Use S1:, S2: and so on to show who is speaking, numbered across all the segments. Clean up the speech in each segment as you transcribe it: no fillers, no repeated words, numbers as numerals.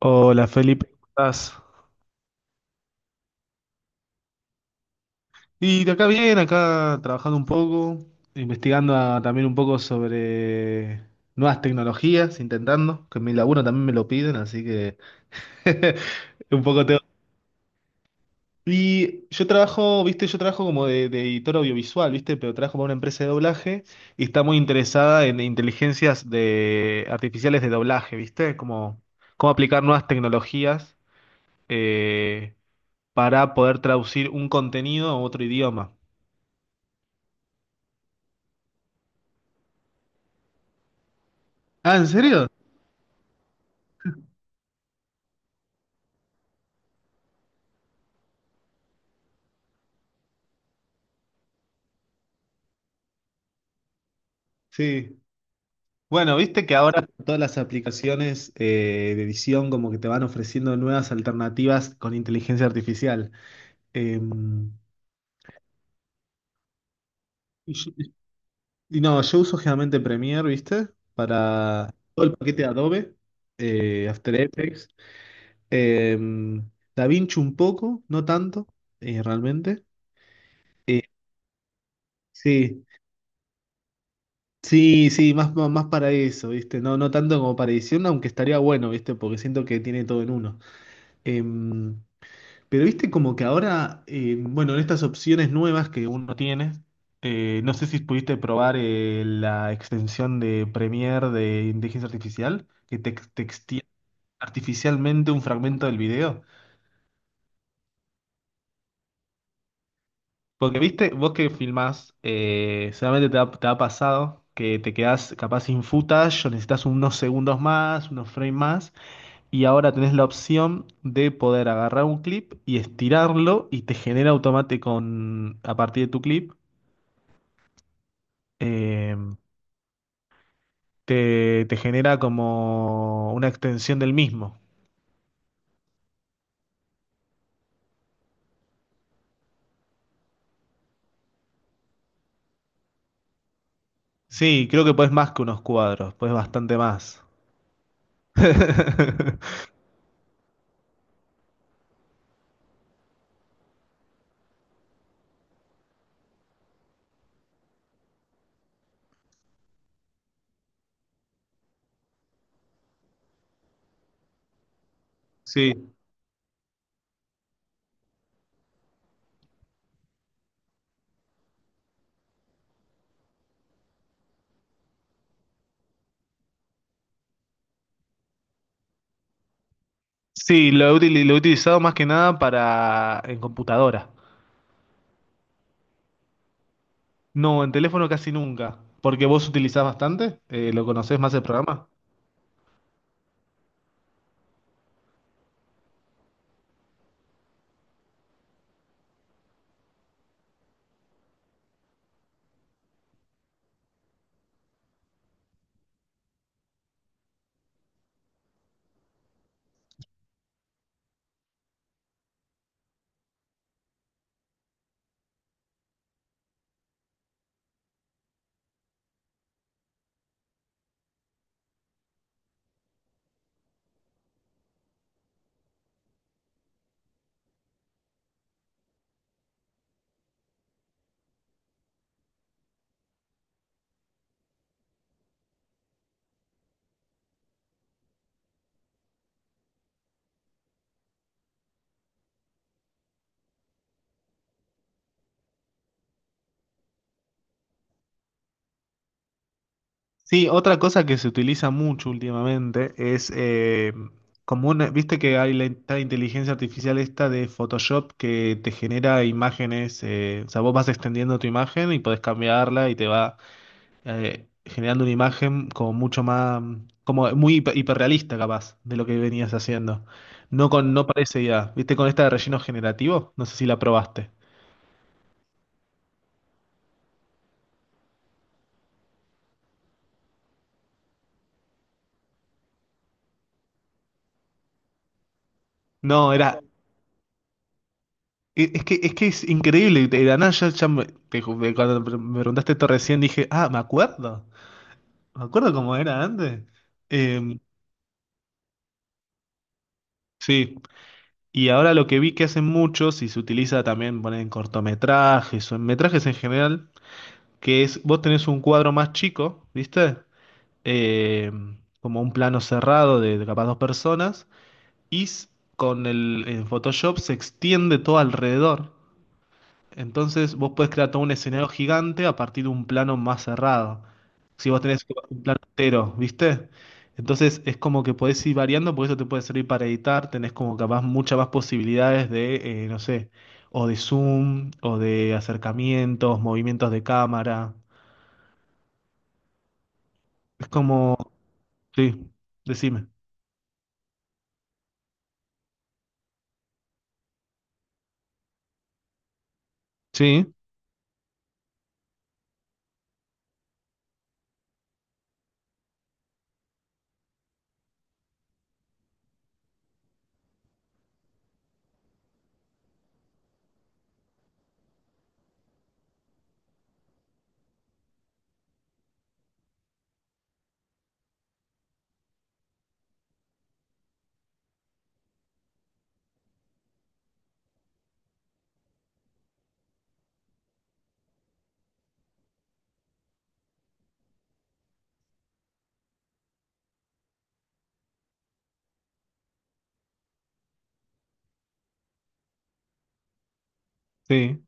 S1: Hola Felipe, ¿cómo estás? Y de acá bien, acá trabajando un poco, investigando también un poco sobre nuevas tecnologías, intentando, que en mi laburo también me lo piden, así que un poco tengo. Y yo trabajo, viste, yo trabajo como de editor audiovisual, viste, pero trabajo para una empresa de doblaje y está muy interesada en inteligencias de artificiales de doblaje, viste, como cómo aplicar nuevas tecnologías eh, para poder traducir un contenido a otro idioma. Ah, ¿en serio? Sí. Bueno, viste que ahora todas las aplicaciones de edición como que te van ofreciendo nuevas alternativas con inteligencia artificial. Eh, y, yo- no, yo uso generalmente Premiere, ¿viste? Para todo el paquete de Adobe, After Effects, eh, DaVinci un poco, no tanto, realmente. Eh, sí. Sí, sí, más, más para eso, ¿viste? No, no tanto como para edición, aunque estaría bueno, ¿viste? Porque siento que tiene todo en uno. Em, Pero viste como que ahora, bueno, en estas opciones nuevas que uno tiene, no sé si pudiste probar la extensión de Premiere de inteligencia artificial, que te extiende artificialmente un fragmento del video. Porque viste, vos que filmás, seguramente te ha pasado que te quedás capaz sin footage o necesitas unos segundos más, unos frames más, y ahora tenés la opción de poder agarrar un clip y estirarlo y te genera automático a partir de tu clip eh, te genera como una extensión del mismo. Sí, creo que puedes más que unos cuadros, puedes bastante más. Sí, sí, lo he utilizado más que nada para en computadora. No, en teléfono casi nunca. Porque vos utilizás bastante. ¿Lo conocés más el programa? Sí, otra cosa que se utiliza mucho últimamente es viste que hay la, esta inteligencia artificial esta de Photoshop que te genera imágenes, o sea, vos vas extendiendo tu imagen y podés cambiarla y te va generando una imagen como mucho más, como muy hiperrealista capaz de lo que venías haciendo. No con, no parece ya, viste con esta de relleno generativo, no sé si la probaste. No, era, es que es increíble, de la nada cuando me preguntaste esto recién dije, ah, me acuerdo cómo era antes. Eh, sí, y ahora lo que vi que hacen muchos y se utiliza también ponen en cortometrajes o en metrajes en general, que es, vos tenés un cuadro más chico, ¿viste? Eh, como un plano cerrado de capaz dos personas, y s- con el en Photoshop se extiende todo alrededor. Entonces vos podés crear todo un escenario gigante a partir de un plano más cerrado. Si vos tenés un plano entero, ¿viste? Entonces es como que podés ir variando, porque eso te puede servir para editar, tenés como capaz muchas más posibilidades de, no sé, o de zoom, o de acercamientos, movimientos de cámara. Es como, sí, decime. Sí, sí.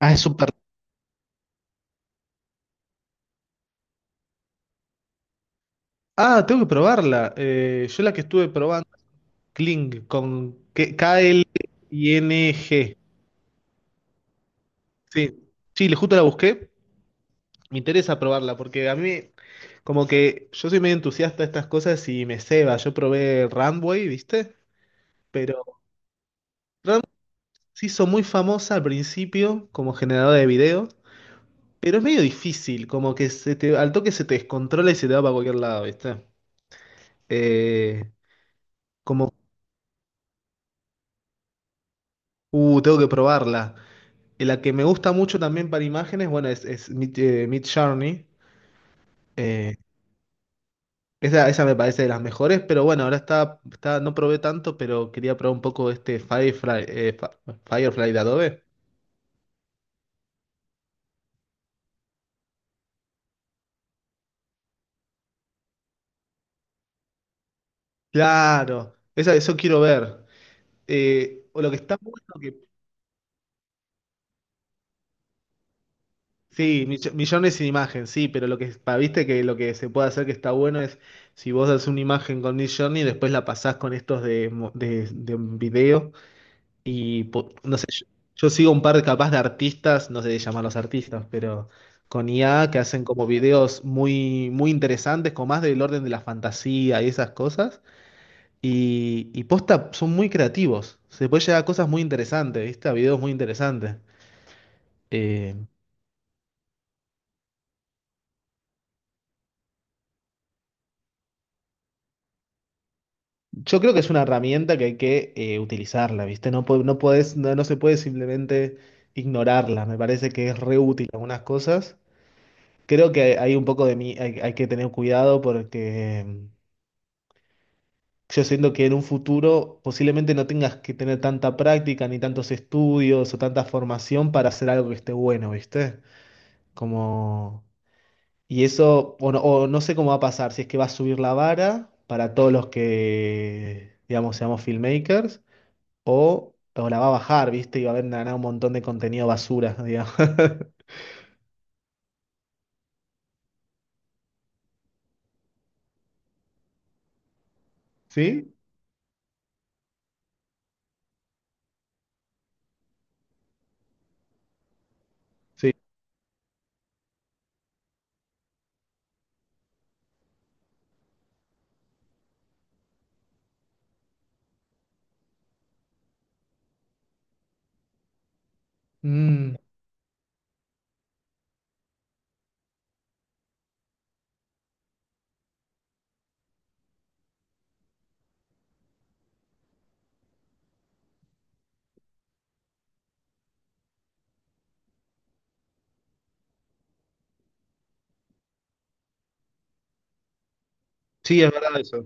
S1: Ah, es súper. Ah, tengo que probarla. Yo la que estuve probando, Kling, con K-L-I-N-G. Sí, sí, justo la busqué. Me interesa probarla porque a mí, como que yo soy medio entusiasta de estas cosas y me ceba. Yo probé Runway, ¿viste? Pero Runway se hizo muy famosa al principio como generadora de video, pero es medio difícil, como que se te, al toque se te descontrola y se te va para cualquier lado, ¿viste? Eh, como, tengo que probarla. Y la que me gusta mucho también para imágenes, bueno, es Mid, Journey. Esa me parece de las mejores, pero bueno, ahora está, está, no probé tanto, pero quería probar un poco este Firefly, Firefly de Adobe. Claro, esa, eso quiero ver. O lo que está bueno que. Sí, millones sin imagen, sí, pero lo que viste que lo que se puede hacer que está bueno es si vos haces una imagen con Midjourney y después la pasás con estos de un video. Y no sé, yo sigo un par capaz de artistas, no sé de llamarlos artistas, pero con IA que hacen como videos muy, muy interesantes, con más del orden de la fantasía y esas cosas. Y posta, son muy creativos. Se puede llegar a cosas muy interesantes, ¿viste? A videos muy interesantes. Eh, yo creo que es una herramienta que hay que utilizarla, ¿viste? No, no se puede simplemente ignorarla. Me parece que es re útil en algunas cosas. Creo que hay un poco de mí, hay que tener cuidado porque yo siento que en un futuro posiblemente no tengas que tener tanta práctica, ni tantos estudios o tanta formación para hacer algo que esté bueno, ¿viste? Como... Y eso, o no sé cómo va a pasar, si es que va a subir la vara para todos los que, digamos, seamos filmmakers, o la va a bajar, ¿viste? Y va a haber nada, un montón de contenido basura, digamos. ¿Sí? Sí. Mm, sí, es verdad eso.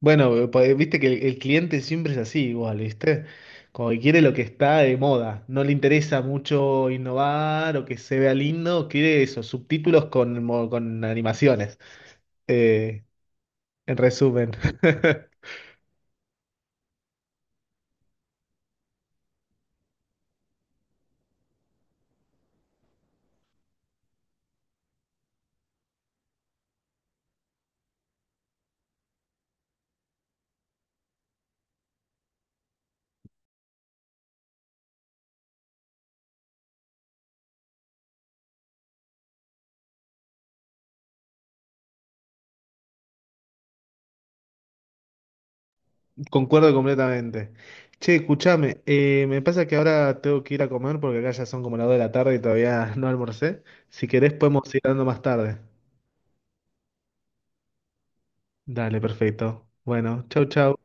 S1: Bueno, pues, viste que el cliente siempre es así, igual, ¿viste? Como que quiere lo que está de moda. No le interesa mucho innovar o que se vea lindo, quiere esos subtítulos con, con animaciones. Eh, en resumen, concuerdo completamente. Che, escuchame, me pasa que ahora tengo que ir a comer porque acá ya son como las 2 de la tarde y todavía no almorcé. Si querés, podemos ir dando más tarde. Dale, perfecto. Bueno, chau, chau.